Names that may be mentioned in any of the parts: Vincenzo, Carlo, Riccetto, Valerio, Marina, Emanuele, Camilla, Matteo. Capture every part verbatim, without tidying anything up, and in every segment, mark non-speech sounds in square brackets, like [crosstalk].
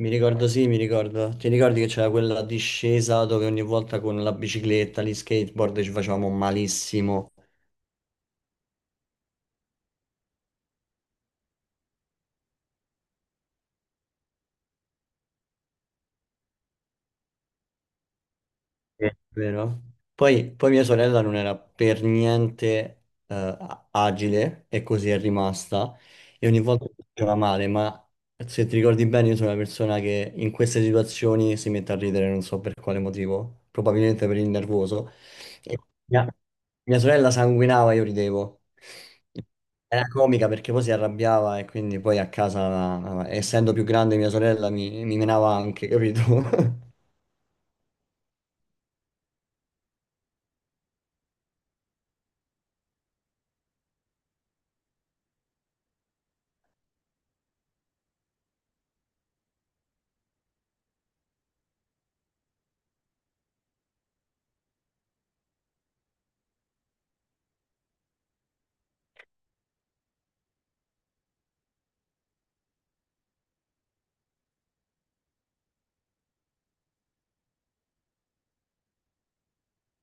Mi ricordo, sì, mi ricordo. Ti ricordi che c'era quella discesa dove ogni volta con la bicicletta, gli skateboard ci facevamo malissimo? Sì, vero? Poi, poi mia sorella non era per niente eh, agile e così è rimasta e ogni volta si faceva male, ma se ti ricordi bene io sono una persona che in queste situazioni si mette a ridere, non so per quale motivo, probabilmente per il nervoso. E mia, mia sorella sanguinava, io ridevo. Era comica perché poi si arrabbiava e quindi poi a casa, essendo più grande mia sorella, mi, mi menava anche, capito? [laughs]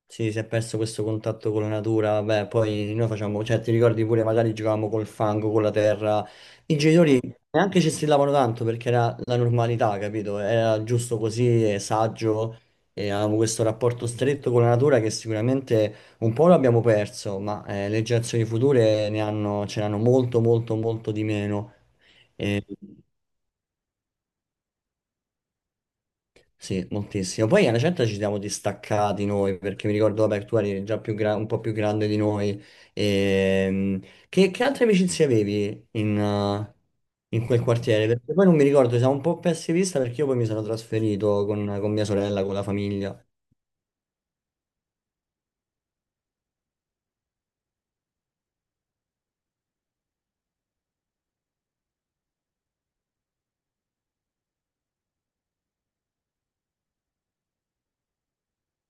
Sì, si è perso questo contatto con la natura, vabbè, poi noi facciamo, cioè ti ricordi pure magari giocavamo col fango, con la terra, i genitori neanche ci strillavano tanto perché era la normalità, capito? Era giusto così, e saggio, e avevamo questo rapporto stretto con la natura che sicuramente un po' lo abbiamo perso, ma eh, le generazioni future ne hanno, ce l'hanno molto molto molto di meno. E- Sì, moltissimo. Poi alla certa ci siamo distaccati noi, perché mi ricordo, vabbè, tu eri già più gra- un po' più grande di noi. Ehm, che, che altre amicizie avevi in, eh, in quel quartiere? Perché poi non mi ricordo, siamo un po' persi di vista perché io poi mi sono trasferito con, con mia sorella, con la famiglia.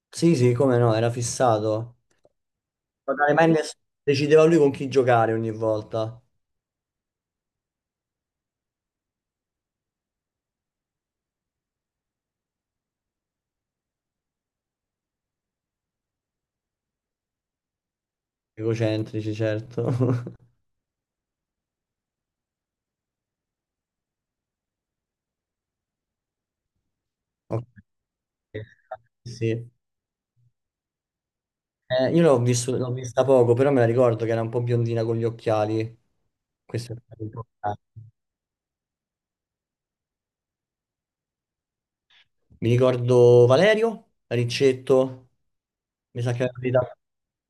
Sì, sì, come no, era fissato. Guardare mai ness- Decideva lui con chi giocare ogni volta. Egocentrici, certo. [laughs] Ok. Sì. Eh, io l'ho visto- l'ho vista poco, però me la ricordo che era un po' biondina con gli occhiali. Questo è importante. Mi ricordo Valerio, Riccetto, mi sa che era l'età,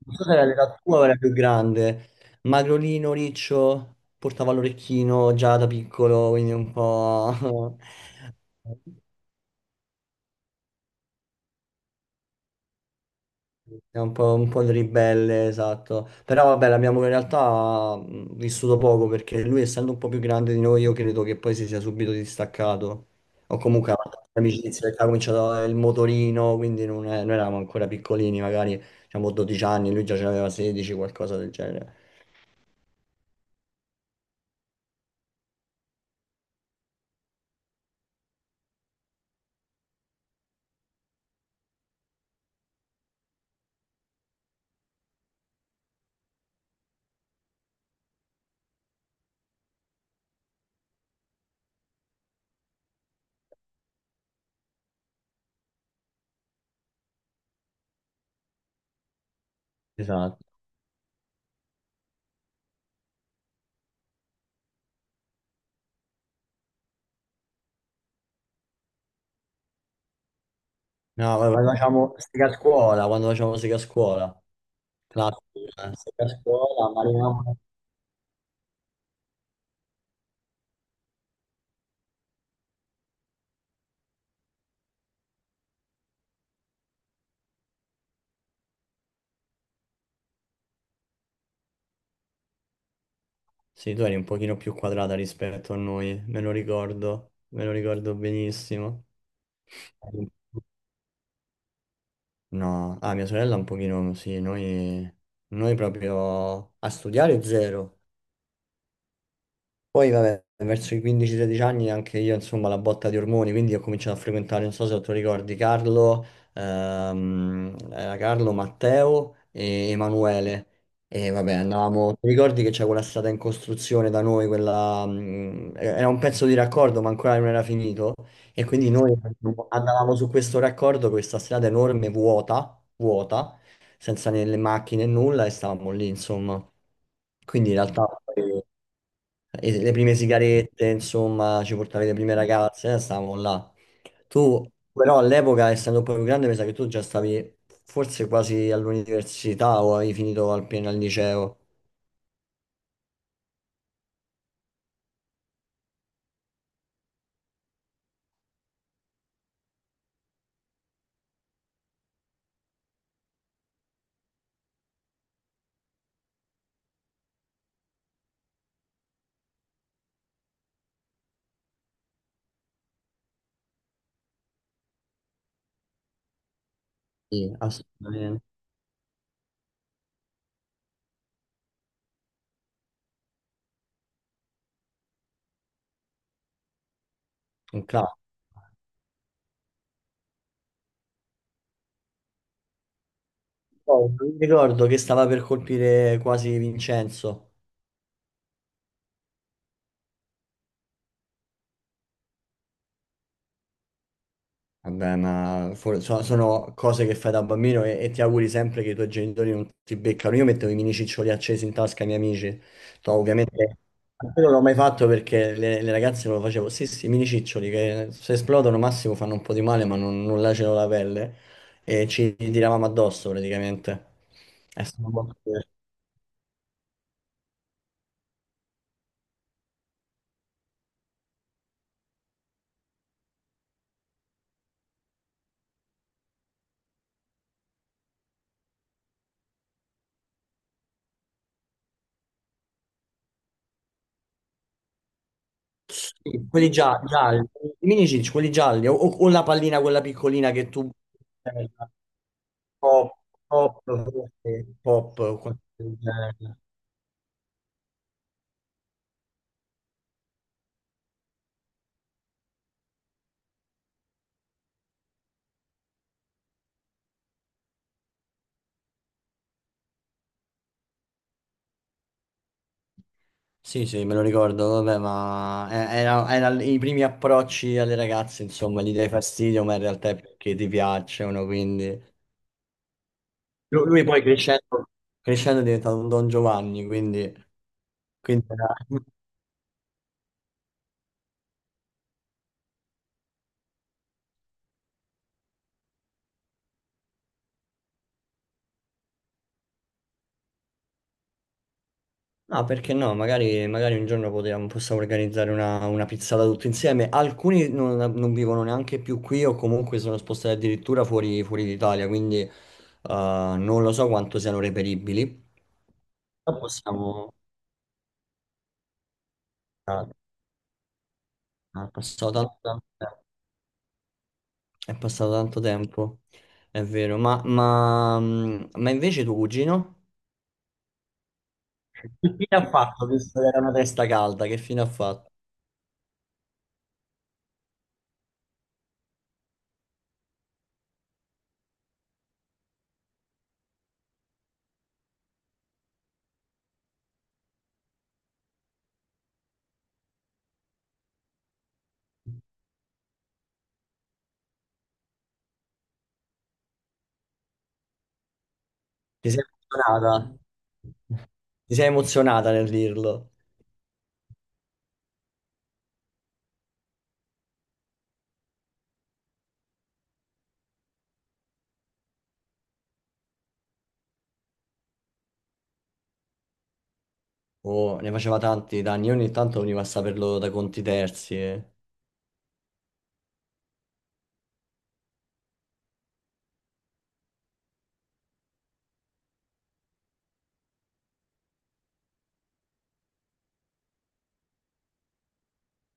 non so se era l'età tua o era più grande. Magrolino, Riccio, portava l'orecchino già da piccolo, quindi un po'... [laughs] È un po', un po' il ribelle, esatto. Però vabbè, l'abbiamo in realtà mh, vissuto poco perché lui, essendo un po' più grande di noi, io credo che poi si sia subito distaccato. O comunque ha fatto amicizia, perché ha cominciato il motorino, quindi non è- noi eravamo ancora piccolini, magari diciamo dodici anni, lui già ce n'aveva sedici, qualcosa del genere. Esatto. No, ma quando facciamo sega a scuola, quando facciamo sega a scuola, classica, sega a scuola, Marina. Sì, tu eri un pochino più quadrata rispetto a noi, me lo ricordo, me lo ricordo benissimo. No, ah, mia sorella un pochino, sì, noi, noi proprio a studiare zero. Poi, vabbè, verso i quindici sedici anni anche io, insomma, la botta di ormoni, quindi ho cominciato a frequentare, non so se tu ricordi, Carlo, ehm, era Carlo, Matteo e Emanuele. E vabbè, andavamo, ti ricordi che c'è quella strada in costruzione da noi, quella, mm, era un pezzo di raccordo, ma ancora non era finito. E quindi noi andavamo su questo raccordo, questa strada enorme, vuota, vuota, senza né le macchine e nulla, e stavamo lì, insomma. Quindi in realtà e le prime sigarette, insomma, ci portavi le prime ragazze, eh, stavamo là. Tu, però, all'epoca, essendo poi più grande, mi sa che tu già stavi forse quasi all'università o avevi finito appena al liceo. Sì, assolutamente. Un classico. Poi, mi ricordo che stava per colpire quasi Vincenzo. Vabbè, ma for- so- sono cose che fai da bambino e, e ti auguri sempre che i tuoi genitori non ti beccano. Io mettevo i mini ciccioli accesi in tasca ai miei amici. No, ovviamente io non l'ho mai fatto perché le, le ragazze non lo facevo. Sì, sì, i mini ciccioli che se esplodono massimo fanno un po' di male, ma non, non lacerano la pelle. E ci tiravamo addosso praticamente. È stato molto divertente. Sì, quelli gia- gialli, i mini ciccioli, quelli gialli, o, o- o la pallina, quella piccolina che tu... eh, pop, pop, forse, pop, qualcosa del genere. Sì, sì, me lo ricordo, vabbè, ma eh, era, era i primi approcci alle ragazze, insomma, gli dai fastidio, ma in realtà è perché ti piacciono, quindi... Lui, lui poi crescendo, crescendo è diventato un Don Giovanni, quindi... quindi era- No, perché no? Magari, magari un giorno potremmo- possiamo organizzare una, una pizzata tutti insieme. Alcuni non, non vivono neanche più qui o comunque sono spostati addirittura fuori, fuori d'Italia, quindi eh, non lo so quanto siano reperibili. Però possiamo... ah, è passato tanto, tanto- è passato tanto tempo, è vero. Ma, ma, mm, ma invece tuo cugino? Che fine ha fatto, visto che era una testa calda? Che fine ha fatto? Ti sei emozionata? Ti sei emozionata nel dirlo? Oh, ne faceva tanti danni, io ogni tanto veniva a saperlo da conti terzi. eh.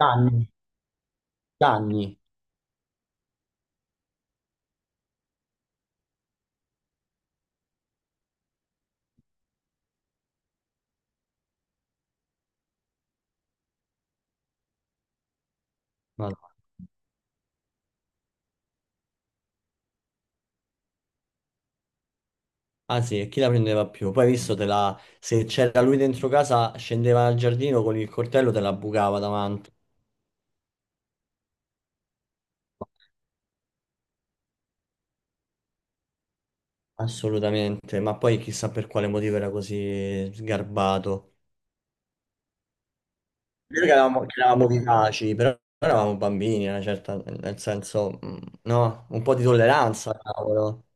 Danni. Danni. Madonna. Ah sì, e chi la prendeva più? Poi hai visto, te la... se c'era lui dentro casa, scendeva al giardino con il coltello, te la bucava davanti. Assolutamente, ma poi chissà per quale motivo era così sgarbato. Noi che eravamo, che eravamo vivaci, però eravamo bambini, una certa, nel senso, mm, no, un po' di tolleranza, cavolo.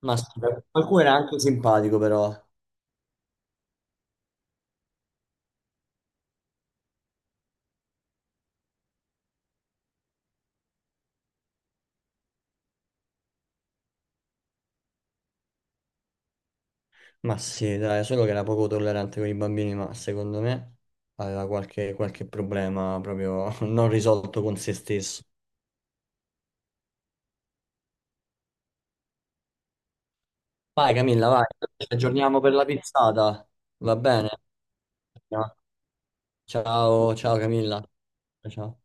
Ma sì, per- qualcuno era anche simpatico, però. Ma sì, dai, solo che era poco tollerante con i bambini, ma secondo me aveva qualche, qualche problema proprio [laughs] non risolto con se stesso. Vai Camilla, vai, ci aggiorniamo per la pizzata, va bene? Ciao, ciao Camilla. Ciao.